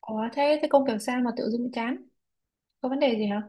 Ủa thế thế công việc sao mà tự dưng chán? Có vấn đề gì hả?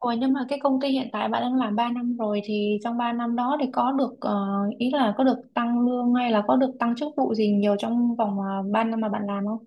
Ủa nhưng mà cái công ty hiện tại bạn đang làm 3 năm rồi thì trong 3 năm đó thì có được ý là có được tăng lương hay là có được tăng chức vụ gì nhiều trong vòng 3 năm mà bạn làm không?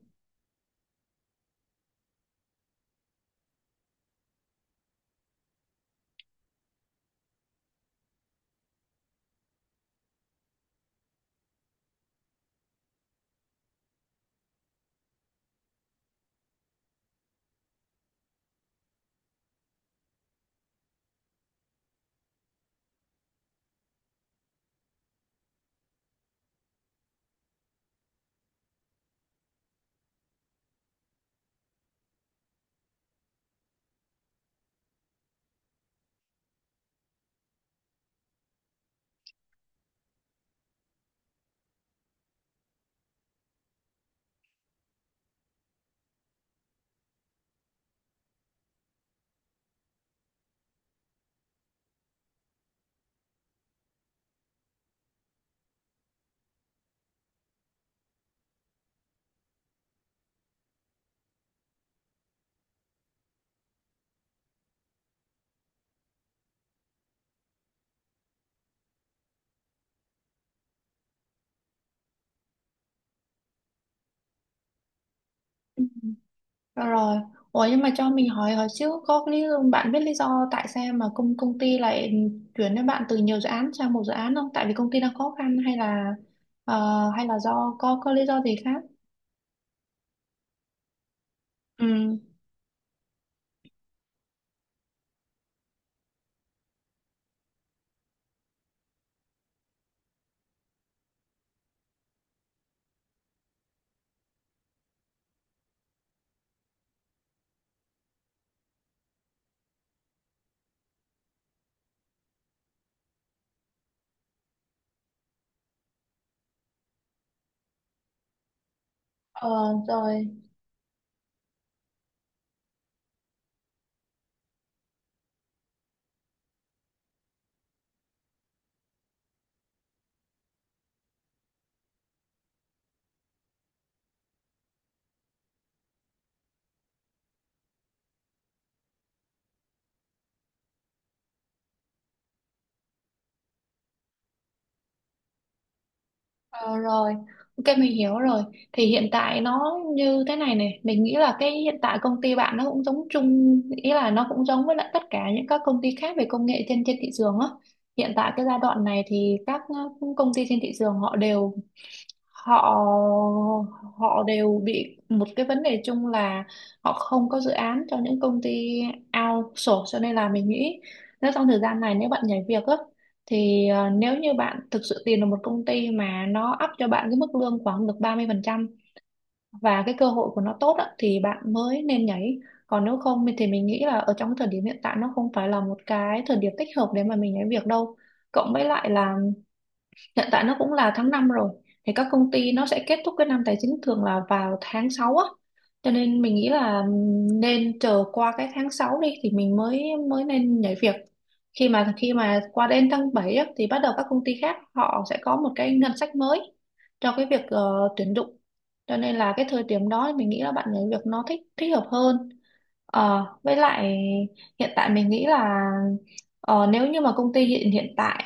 Rồi, rồi. Ủa nhưng mà cho mình hỏi hỏi xíu có lý bạn biết lý do tại sao mà công công ty lại chuyển cho bạn từ nhiều dự án sang một dự án không? Tại vì công ty đang khó khăn hay là hay là do có lý do gì khác? Ừ. Ờ rồi. Ờ, rồi, ok mình hiểu rồi. Thì hiện tại nó như thế này này, mình nghĩ là cái hiện tại công ty bạn nó cũng giống chung, ý là nó cũng giống với lại tất cả những các công ty khác về công nghệ trên trên thị trường á. Hiện tại cái giai đoạn này thì các công ty trên thị trường họ họ đều bị một cái vấn đề chung là họ không có dự án cho những công ty outsource cho nên là mình nghĩ nếu trong thời gian này nếu bạn nhảy việc á thì nếu như bạn thực sự tìm được một công ty mà nó up cho bạn cái mức lương khoảng được 30% và cái cơ hội của nó tốt á, thì bạn mới nên nhảy, còn nếu không thì mình nghĩ là ở trong cái thời điểm hiện tại nó không phải là một cái thời điểm thích hợp để mà mình nhảy việc đâu, cộng với lại là hiện tại nó cũng là tháng 5 rồi thì các công ty nó sẽ kết thúc cái năm tài chính thường là vào tháng 6 á, cho nên mình nghĩ là nên chờ qua cái tháng 6 đi thì mình mới mới nên nhảy việc. Khi mà qua đến tháng 7 á, thì bắt đầu các công ty khác họ sẽ có một cái ngân sách mới cho cái việc tuyển dụng, cho nên là cái thời điểm đó mình nghĩ là bạn nhảy việc nó thích thích hợp hơn. Ờ, với lại hiện tại mình nghĩ là, ờ, nếu như mà công ty hiện hiện tại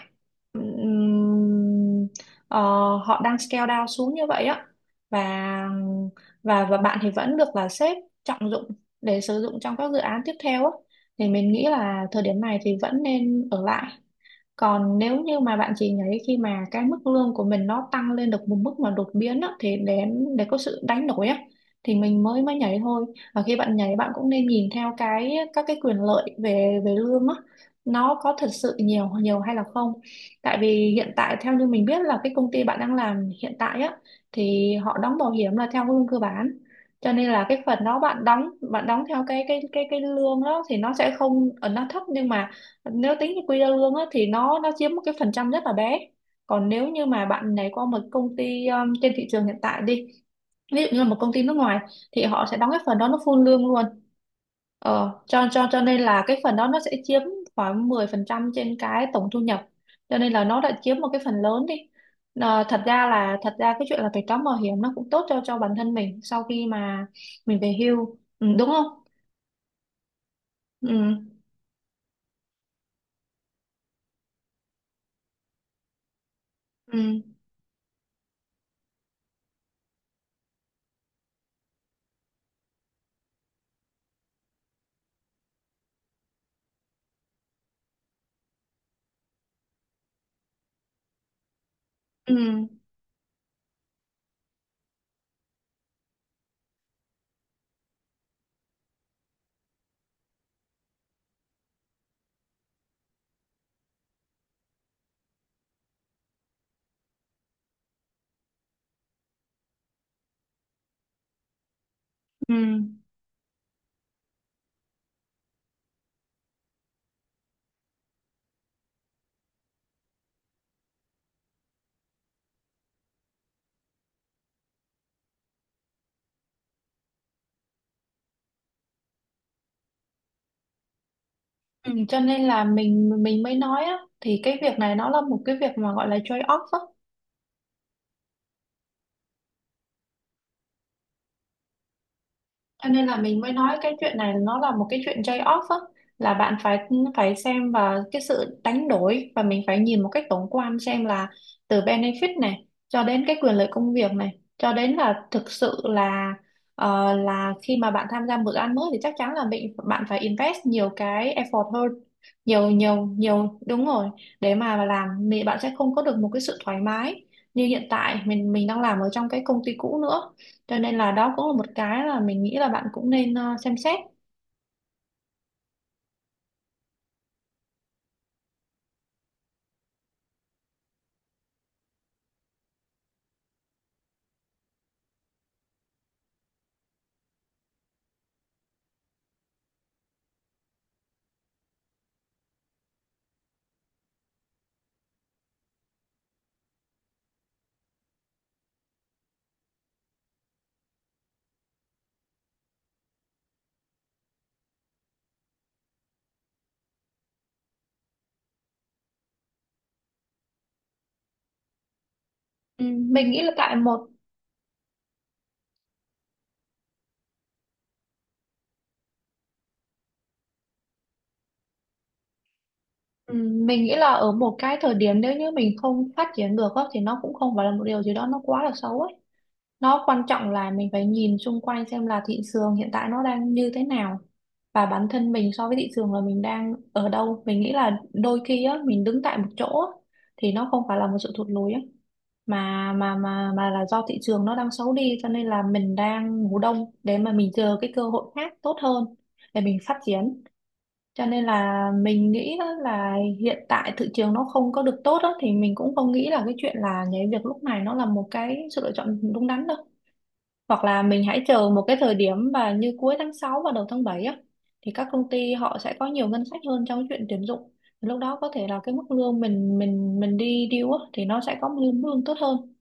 ừm, ờ, họ đang scale down xuống như vậy á, và và bạn thì vẫn được là sếp trọng dụng để sử dụng trong các dự án tiếp theo á, thì mình nghĩ là thời điểm này thì vẫn nên ở lại, còn nếu như mà bạn chỉ nhảy khi mà cái mức lương của mình nó tăng lên được một mức mà đột biến á, thì để có sự đánh đổi á thì mình mới mới nhảy thôi. Và khi bạn nhảy bạn cũng nên nhìn theo cái các cái quyền lợi về về lương á, nó có thật sự nhiều nhiều hay là không. Tại vì hiện tại theo như mình biết là cái công ty bạn đang làm hiện tại á, thì họ đóng bảo hiểm là theo lương cơ bản. Cho nên là cái phần đó bạn đóng theo cái lương đó thì nó sẽ không ở nó thấp, nhưng mà nếu tính cho quy ra lương á, thì nó chiếm một cái phần trăm rất là bé. Còn nếu như mà bạn này qua một công ty trên thị trường hiện tại đi, ví dụ như là một công ty nước ngoài thì họ sẽ đóng cái phần đó nó full lương luôn. Cho nên là cái phần đó nó sẽ chiếm khoảng 10% trên cái tổng thu nhập, cho nên là nó đã chiếm một cái phần lớn đi. Ờ, thật ra là thật ra cái chuyện là phải đóng bảo hiểm nó cũng tốt cho bản thân mình sau khi mà mình về hưu, ừ, đúng không. ừ, ừ, ừ, ừ. Ừ, cho nên là mình mới nói á thì cái việc này nó là một cái việc mà gọi là trade off á. Cho nên là mình mới nói cái chuyện này nó là một cái chuyện trade-off á, là bạn phải phải xem và cái sự đánh đổi và mình phải nhìn một cách tổng quan xem là từ benefit này cho đến cái quyền lợi công việc này cho đến là thực sự là, là khi mà bạn tham gia một dự án mới thì chắc chắn là bạn phải invest nhiều cái effort hơn, nhiều nhiều nhiều đúng rồi, để mà làm thì bạn sẽ không có được một cái sự thoải mái như hiện tại mình đang làm ở trong cái công ty cũ nữa, cho nên là đó cũng là một cái là mình nghĩ là bạn cũng nên xem xét. Ừ, mình nghĩ là tại một, ừ, mình nghĩ là ở một cái thời điểm nếu như mình không phát triển được á, thì nó cũng không phải là một điều gì đó nó quá là xấu ấy. Nó quan trọng là mình phải nhìn xung quanh xem là thị trường hiện tại nó đang như thế nào và bản thân mình so với thị trường là mình đang ở đâu. Mình nghĩ là đôi khi á mình đứng tại một chỗ á, thì nó không phải là một sự thụt lùi á, mà là do thị trường nó đang xấu đi cho nên là mình đang ngủ đông để mà mình chờ cái cơ hội khác tốt hơn để mình phát triển. Cho nên là mình nghĩ á là hiện tại thị trường nó không có được tốt á, thì mình cũng không nghĩ là cái chuyện là nhảy việc lúc này nó là một cái sự lựa chọn đúng đắn đâu, hoặc là mình hãy chờ một cái thời điểm và như cuối tháng 6 và đầu tháng 7 á, thì các công ty họ sẽ có nhiều ngân sách hơn trong cái chuyện tuyển dụng, lúc đó có thể là cái mức lương mình đi deal á, thì nó sẽ có một lương lương tốt hơn.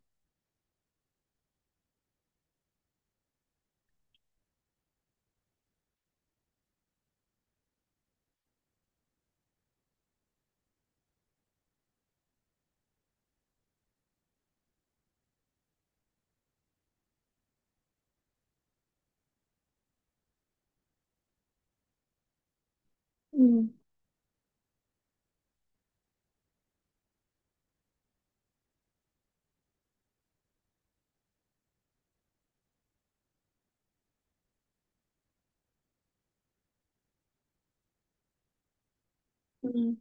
Ừ. Ừ.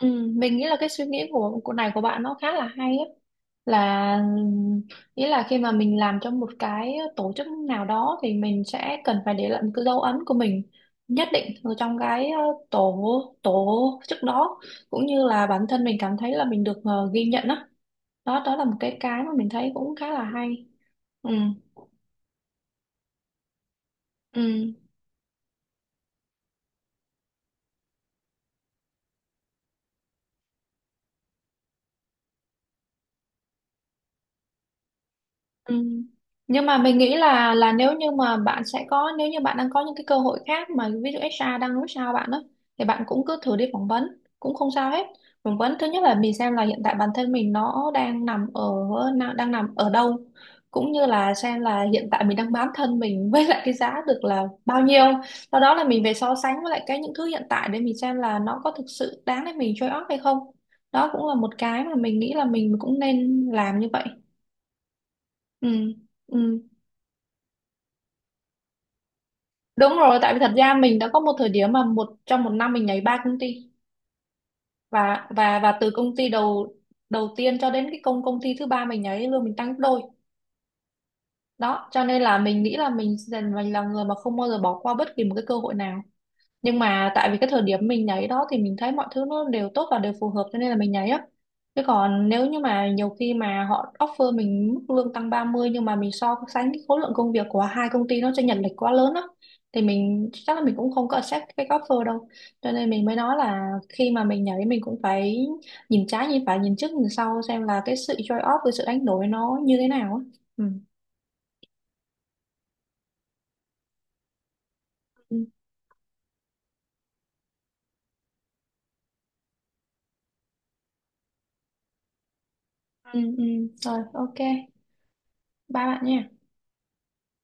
Ừ. Mình nghĩ là cái suy nghĩ của này của bạn nó khá là hay á, là nghĩa là khi mà mình làm trong một cái tổ chức nào đó thì mình sẽ cần phải để lại một cái dấu ấn của mình nhất định ở trong cái, tổ tổ chức đó, cũng như là bản thân mình cảm thấy là mình được ghi nhận á. Đó, đó là một cái mà mình thấy cũng khá là hay. Ừ. Ừ. Ừ. Nhưng mà mình nghĩ là nếu như mà bạn sẽ có nếu như bạn đang có những cái cơ hội khác mà ví dụ HR đang nói sao bạn đó, thì bạn cũng cứ thử đi phỏng vấn cũng không sao hết. Phỏng vấn thứ nhất là mình xem là hiện tại bản thân mình nó đang nằm ở đang nằm ở đâu, cũng như là xem là hiện tại mình đang bán thân mình với lại cái giá được là bao nhiêu, sau đó là mình về so sánh với lại cái những thứ hiện tại để mình xem là nó có thực sự đáng để mình trade off hay không. Đó cũng là một cái mà mình nghĩ là mình cũng nên làm như vậy. Ừ. Ừ. Đúng rồi, tại vì thật ra mình đã có một thời điểm mà trong một năm mình nhảy ba công ty, và từ công ty đầu đầu tiên cho đến cái công công ty thứ ba mình nhảy lương mình tăng gấp đôi. Đó cho nên là mình nghĩ là mình là người mà không bao giờ bỏ qua bất kỳ một cái cơ hội nào, nhưng mà tại vì cái thời điểm mình nhảy đó thì mình thấy mọi thứ nó đều tốt và đều phù hợp cho nên là mình nhảy á, chứ còn nếu như mà nhiều khi mà họ offer mình mức lương tăng 30 nhưng mà mình so sánh cái khối lượng công việc của hai công ty nó chênh lệch quá lớn á, thì mình chắc là mình cũng không có accept cái offer đâu. Cho nên mình mới nói là khi mà mình nhảy mình cũng phải nhìn trái nhìn phải nhìn trước nhìn sau xem là cái sự trade off cái sự đánh đổi nó như thế nào á. Ừ. Ừ. Ừ, ừ. Rồi, ok, ba bạn nha.